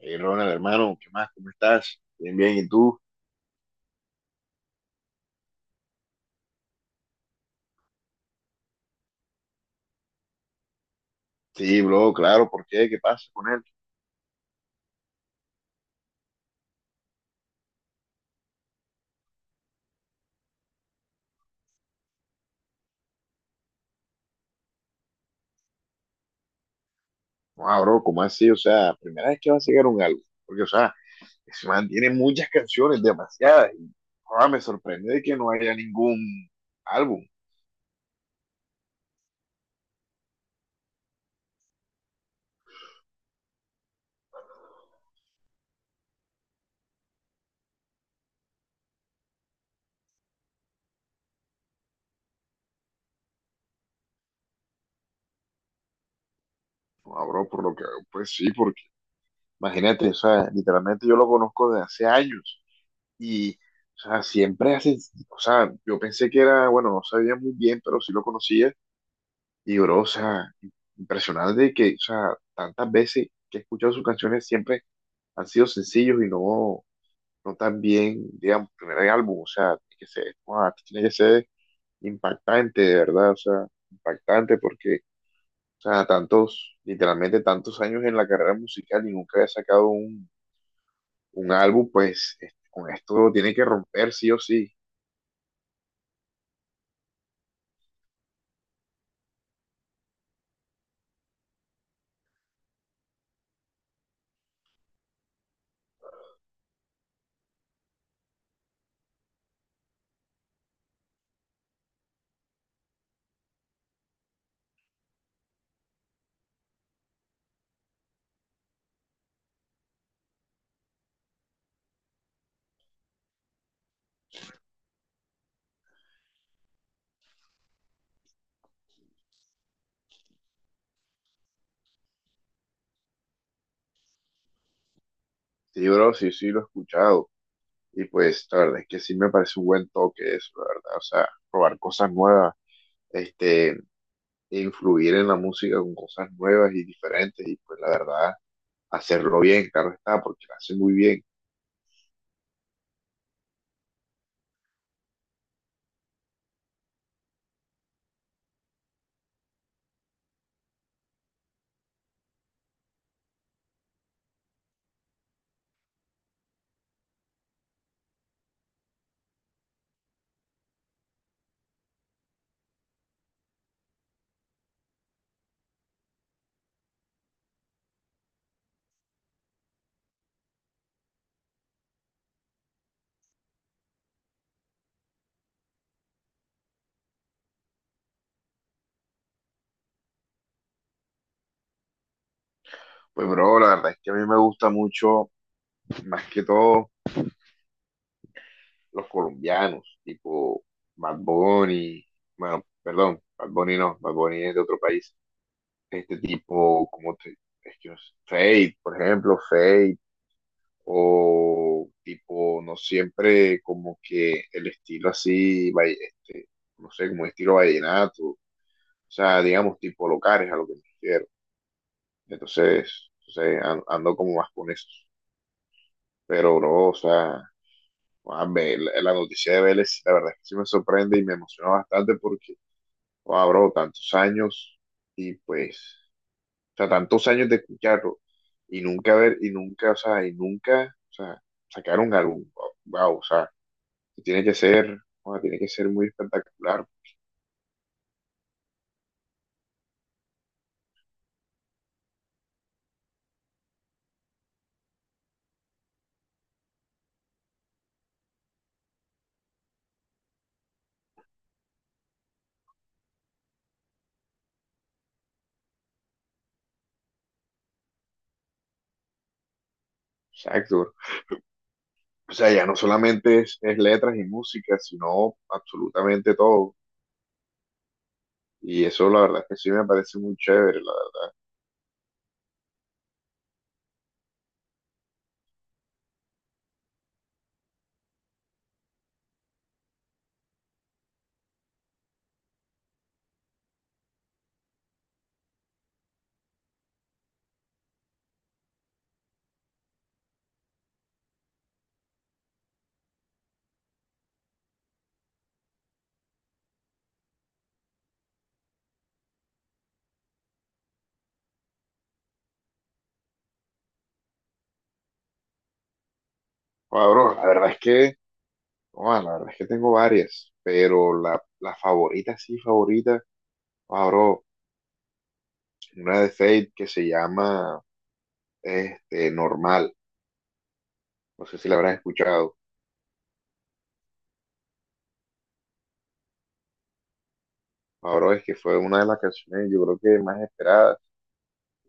Hey, Ronald, hermano, ¿qué más? ¿Cómo estás? Bien, bien, ¿y tú? Sí, bro, claro, ¿por qué? ¿Qué pasa con él? No, bro, ¿cómo así? O sea, primera vez que va a sacar un álbum, porque, o sea, ese man tiene muchas canciones, demasiadas, y joda, me sorprende de que no haya ningún álbum. No, bro, por lo que, pues sí, porque, imagínate, o sea, literalmente yo lo conozco desde hace años, y, o sea, siempre hace, o sea, yo pensé que era, bueno, no sabía muy bien, pero sí lo conocía. Y bro, o sea, impresionante que, o sea, tantas veces que he escuchado sus canciones siempre han sido sencillos y no, no tan bien, digamos, primer álbum, o sea, tiene que ser, guau, tiene que ser impactante, de verdad, o sea, impactante porque, o sea, tantos, literalmente tantos años en la carrera musical y nunca había sacado un álbum, pues este, con esto tiene que romper sí o sí. Sí, bro, sí, sí, lo he escuchado. Y pues, la verdad es que sí me parece un buen toque eso, la verdad, o sea, probar cosas nuevas este, influir en la música con cosas nuevas y diferentes y pues la verdad, hacerlo bien, claro está, porque lo hace muy bien. Pues bro, la verdad es que a mí me gusta mucho, más que todo, los colombianos, tipo Bad Bunny, bueno, perdón, Bad Bunny no, Bad Bunny es de otro país, este tipo, como te, es que no sé, Fate, por ejemplo, Fate, o tipo, no siempre como que el estilo así, este, no sé, como estilo vallenato. O sea, digamos, tipo locales a lo que me refiero. Entonces, o sea, ando como más con eso. Pero, bro, o sea, la noticia de Vélez, la verdad es que sí me sorprende y me emociona bastante porque, wow, bro, tantos años y pues, o sea, tantos años de escucharlo y nunca ver, y nunca, o sea, y nunca, o sea, sacar un álbum, wow, o sea, que tiene que ser, wow, tiene que ser muy espectacular. Exacto. O sea, ya no solamente es letras y música, sino absolutamente todo. Y eso la verdad es que sí me parece muy chévere. La, bro, la verdad es que, la verdad es que tengo varias, pero la favorita, sí, favorita, bro, una de Fate que se llama este, Normal. No sé si la habrás escuchado. Ah, bro, es que fue una de las canciones, yo creo que más esperadas.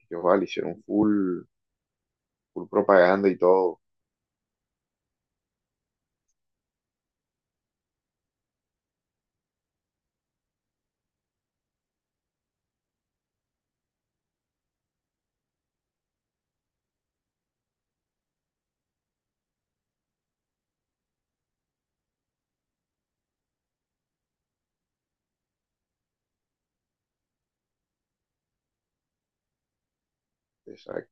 Que ojalá, le hicieron full, full propaganda y todo. Esa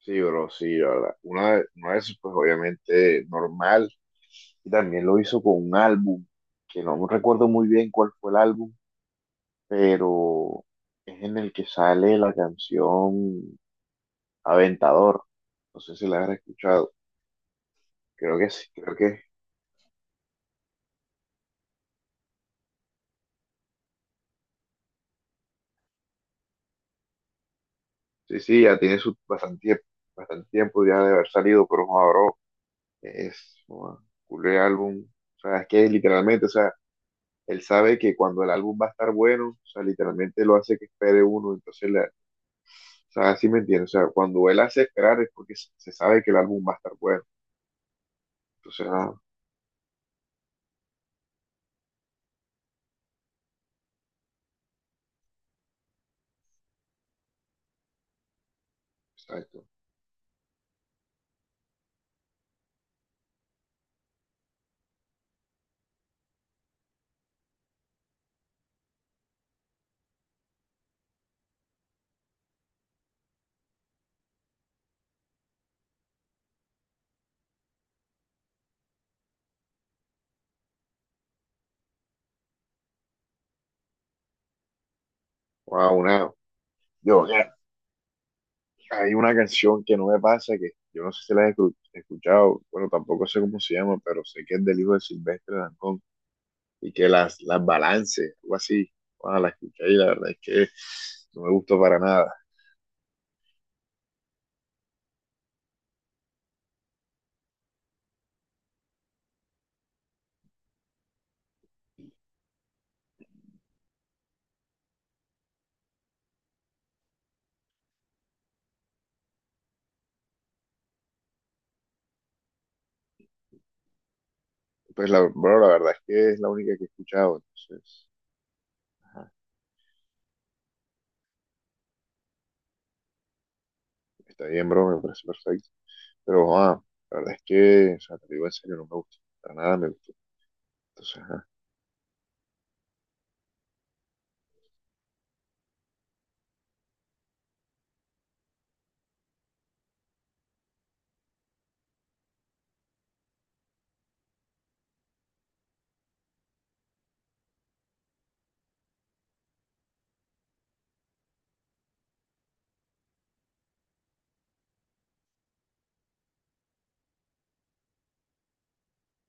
sí, bro, sí, la verdad. Una, una vez, pues obviamente normal. Y también lo hizo con un álbum, que no recuerdo muy bien cuál fue el álbum, pero es en el que sale la canción Aventador. No sé si la has escuchado. Creo que sí, sí, ya tiene su bastante, bastante tiempo ya de haber salido, pero joder, bro, es un álbum. O sea, es que literalmente, o sea, él sabe que cuando el álbum va a estar bueno, o sea, literalmente lo hace que espere uno, entonces, la, o sea, así me entiendes, o sea, cuando él hace esperar es porque se sabe que el álbum va a estar bueno, entonces, exacto, wow, una, yo, ya, hay una canción que no me pasa, que yo no sé si la he escuchado, bueno, tampoco sé cómo se llama, pero sé que es del hijo de Silvestre Dangond, y que las balance, algo así, wow, la escuché y la verdad es que no me gustó para nada. Pues, la, bro, la verdad es que es la única que he escuchado, entonces... Está bien, bro, me parece perfecto. Pero, la verdad es que, o sea, te lo digo en serio, no me gusta. Para nada me gustó. Entonces,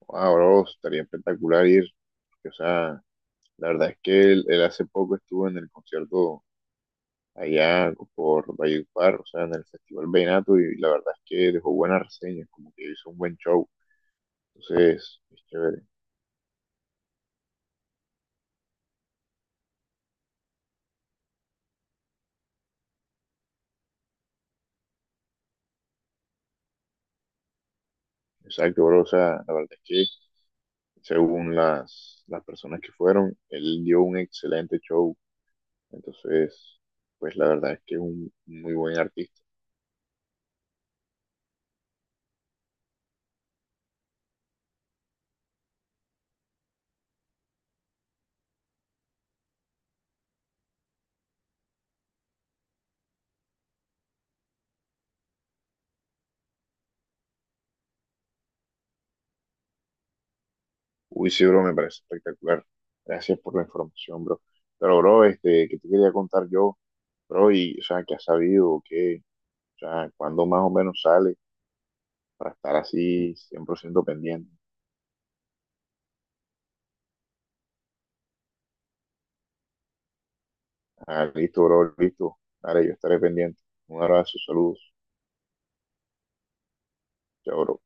ah, bro, estaría espectacular ir. Porque, o sea, la verdad es que él hace poco estuvo en el concierto allá por Valledupar, o sea, en el Festival Vallenato, y la verdad es que dejó buenas reseñas, como que hizo un buen show. Entonces, es chévere. Exacto, bro, o sea, la verdad es que según las personas que fueron, él dio un excelente show. Entonces, pues la verdad es que es un muy buen artista. Uy, sí, bro, me parece espectacular. Gracias por la información, bro. Pero, bro, este, ¿qué te quería contar yo, bro? Y, o sea, ¿qué has sabido? ¿O qué? O sea, ¿cuándo más o menos sale para estar así 100% pendiente? Ah, listo, bro, listo. Dale, yo estaré pendiente. Un abrazo, saludos. Chao, bro.